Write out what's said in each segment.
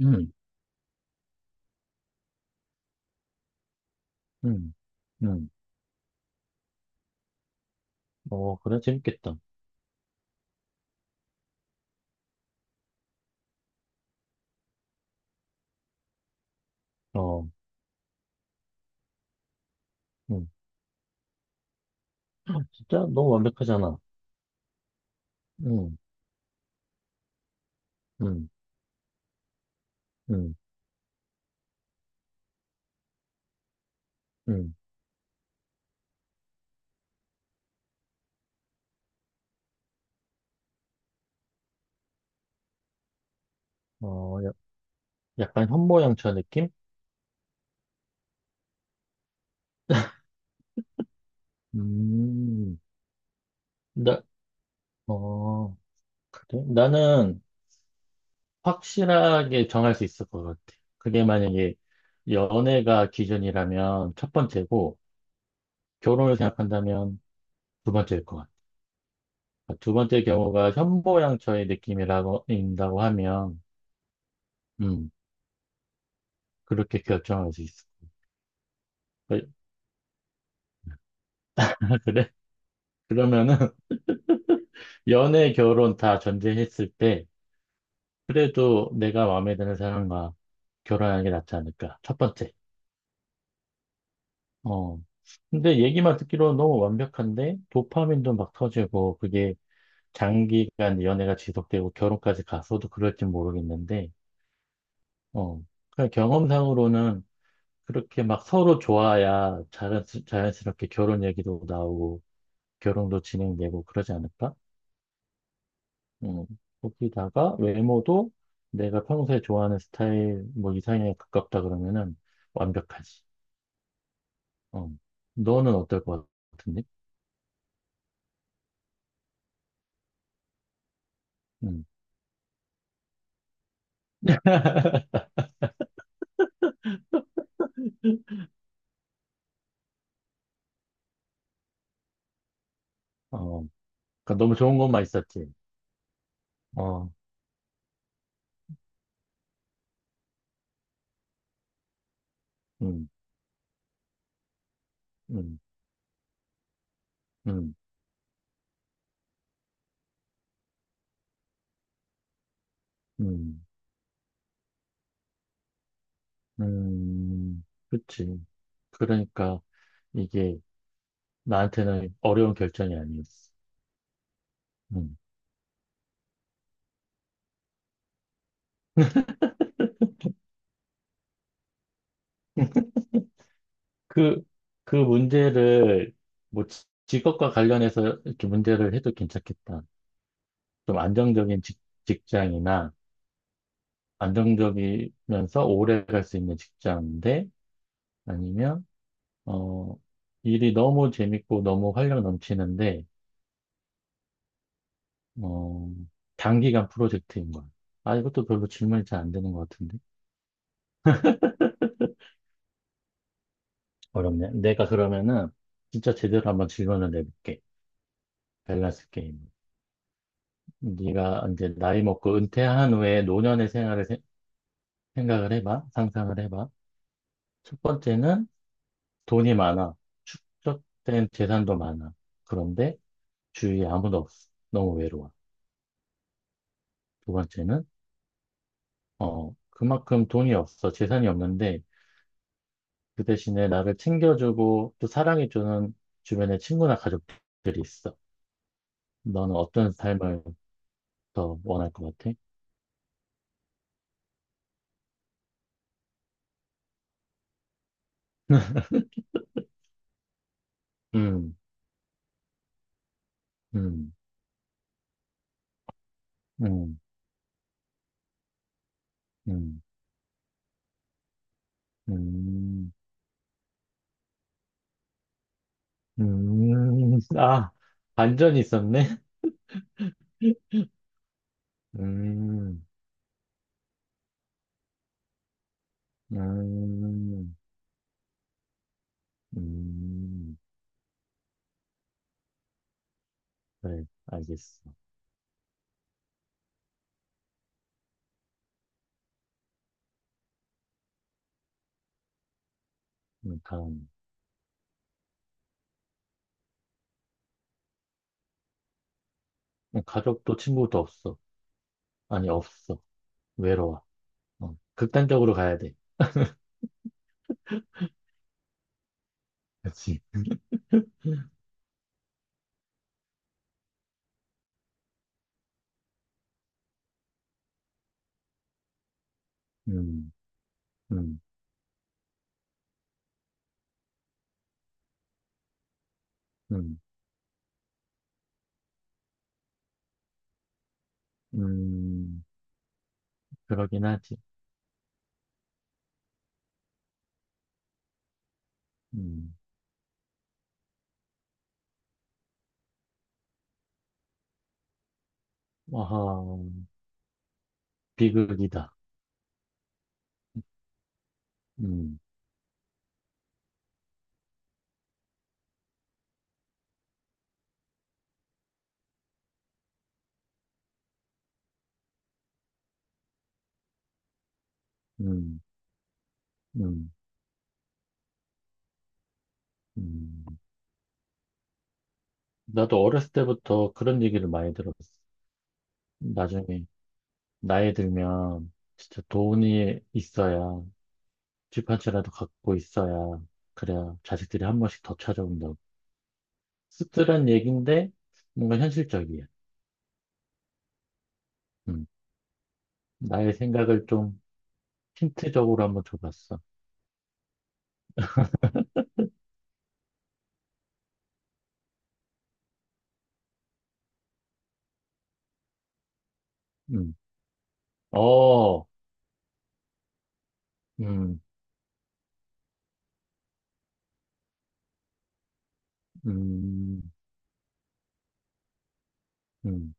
음, 음, 음. 어, 그래, 재밌겠다. 어, 음. 진짜 너무 완벽하잖아. 음, 음, 음, 음. 어, 약간 현모양처 느낌? 음, 나, 어, 그래? 나는 확실하게 정할 수 있을 것 같아. 그게 만약에 연애가 기준이라면 첫 번째고, 결혼을 생각한다면 두 번째일 것 같아. 그러니까 두 번째 경우가 현모양처의 인다고 하면, 음, 그렇게 결정할 수 있어. 그래? 그러면은 연애, 결혼 다 전제했을 때 그래도 내가 마음에 드는 사람과 결혼하는 게 낫지 않을까? 첫 번째. 어. 근데 얘기만 듣기로는 너무 완벽한데 도파민도 막 터지고 그게 장기간 연애가 지속되고 결혼까지 갔어도 그럴지 모르겠는데 어. 그냥 경험상으로는 그렇게 막 서로 좋아야 자연스럽게 결혼 얘기도 나오고 결혼도 진행되고 그러지 않을까? 음, 거기다가 외모도 내가 평소에 좋아하는 스타일 뭐 이상형에 가깝다 그러면은 완벽하지. 어. 너는 어떨 것 같은데? 음. 어, 그러니까 너무 좋은 것만 있었지. 어, 음, 음, 음, 음, 그치. 그러니까 이게 나한테는 어려운 결정이 아니었어. 음. 그, 그 문제를 뭐 직업과 관련해서 이렇게 문제를 해도 괜찮겠다. 좀 안정적인 직장이나 안정적이면서 오래 갈 수 있는 직장인데 아니면 어 일이 너무 재밌고 너무 활력 넘치는데 어 단기간 프로젝트인 거야. 아 이것도 별로 질문이 잘 안 되는 것 같은데 어렵네. 내가 그러면은 진짜 제대로 한번 질문을 내볼게. 밸런스 게임. 네가 이제 나이 먹고 은퇴한 후에 노년의 생활을 생각을 해봐. 상상을 해봐. 첫 번째는 돈이 많아. 축적된 재산도 많아. 그런데 주위에 아무도 없어. 너무 외로워. 두 번째는, 어, 그만큼 돈이 없어. 재산이 없는데, 그 대신에 나를 챙겨주고 또 사랑해주는 주변의 친구나 가족들이 있어. 너는 어떤 삶을 더 원할 것 같아? 음, 음, 음, 음, 음, 아, 반전이 있었네? 음, 음, 음, 그래, 알겠어. 그러니까 가족도 친구도 없어. 아니, 없어. 외로워. 어. 극단적으로 가야 돼. 그지 음, 음, 음, 음. 그러긴 하지. 음. 아하, 비극이다. 음, 음, 음, 음. 나도 어렸을 때부터 그런 얘기를 많이 들었어. 나중에 나이 들면 진짜 돈이 있어야 집 한 채라도 갖고 있어야 그래야 자식들이 한 번씩 더 찾아온다고. 씁쓸한 얘기인데 뭔가 현실적이야. 음, 나의 생각을 좀 힌트적으로 한번 줘봤어. 음, 어, 음, 음, 음,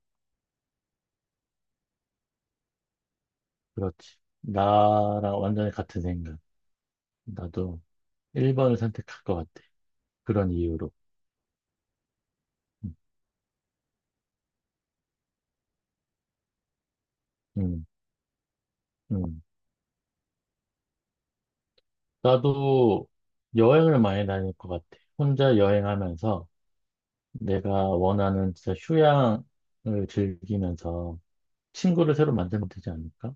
그렇지. 나랑 완전히 같은 생각. 나도 1번을 선택할 것 같아. 그런 이유로. 음, 음, 음. 나도 여행을 많이 다닐 것 같아. 혼자 여행하면서 내가 원하는 진짜 휴양을 즐기면서 친구를 새로 만들면 되지 않을까?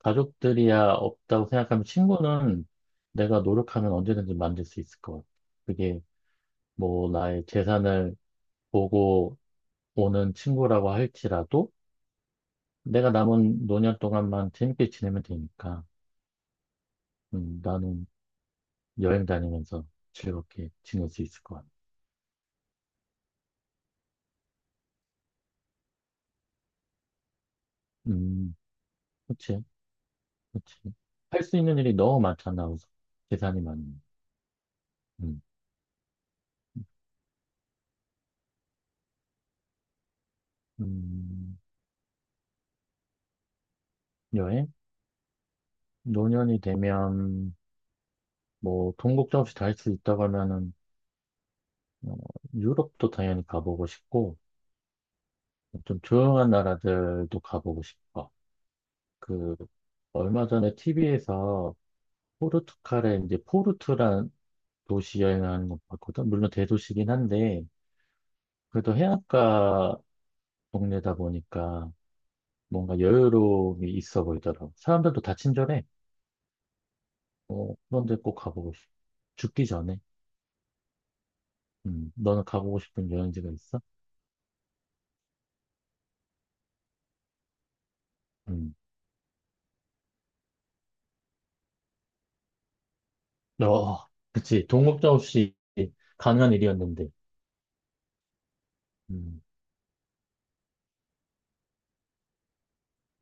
가족들이야 없다고 생각하면 친구는 내가 노력하면 언제든지 만들 수 있을 것 같아. 그게 뭐 나의 재산을 보고 오는 친구라고 할지라도 내가 남은 노년 동안만 재밌게 지내면 되니까 나는 여행 다니면서 즐겁게 지낼 수 있을 것 같아. 음, 그치, 그치. 할 수 있는 일이 너무 많잖아, 우선. 재산이 많이. 음, 음, 여행? 노년이 되면 뭐, 돈 걱정 없이 다 할 수 있다고 하면은 어, 유럽도 당연히 가보고 싶고, 좀 조용한 나라들도 가보고 싶어. 그, 얼마 전에 TV에서 포르투갈의 이제 포르투란 도시 여행하는 거 봤거든. 물론 대도시긴 한데, 그래도 해안가 동네다 보니까 뭔가 여유로움이 있어 보이더라고. 사람들도 다 친절해. 어, 그런데 꼭 가보고 싶어. 죽기 전에. 너는 가보고 싶은 여행지가 있어? 음, 어, 그치. 동업자 없이 가능한 일이었는데. 음.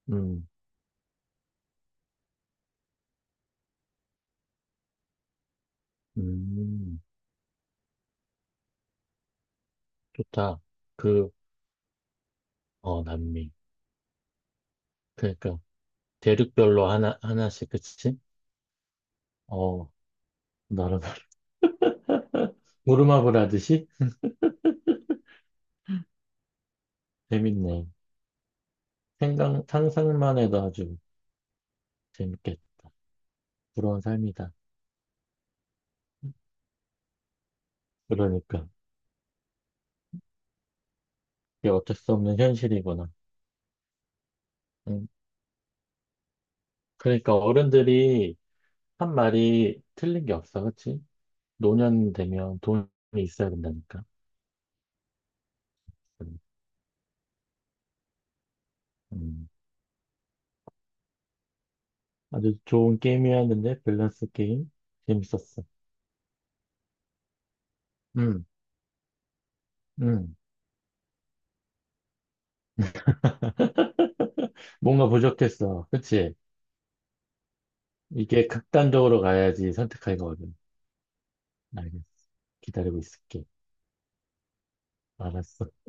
음, 음, 좋다. 그, 어, 남미. 그러니까, 대륙별로 하나, 하나씩, 그치? 어, 나름, 무릎마블 하듯이? 재밌네. 생각, 상상만 해도 아주 재밌겠다. 부러운 삶이다. 그러니까, 이게 어쩔 수 없는 현실이구나. 음, 그러니까, 어른들이 한 말이 틀린 게 없어, 그치? 노년 되면 돈이 있어야 된다니까. 음, 음. 아주 좋은 게임이었는데, 밸런스 게임. 재밌었어. 음. 음. 뭔가 부족했어. 그치? 이게 극단적으로 가야지 선택하기가 어려워. 알겠어. 기다리고 있을게. 알았어.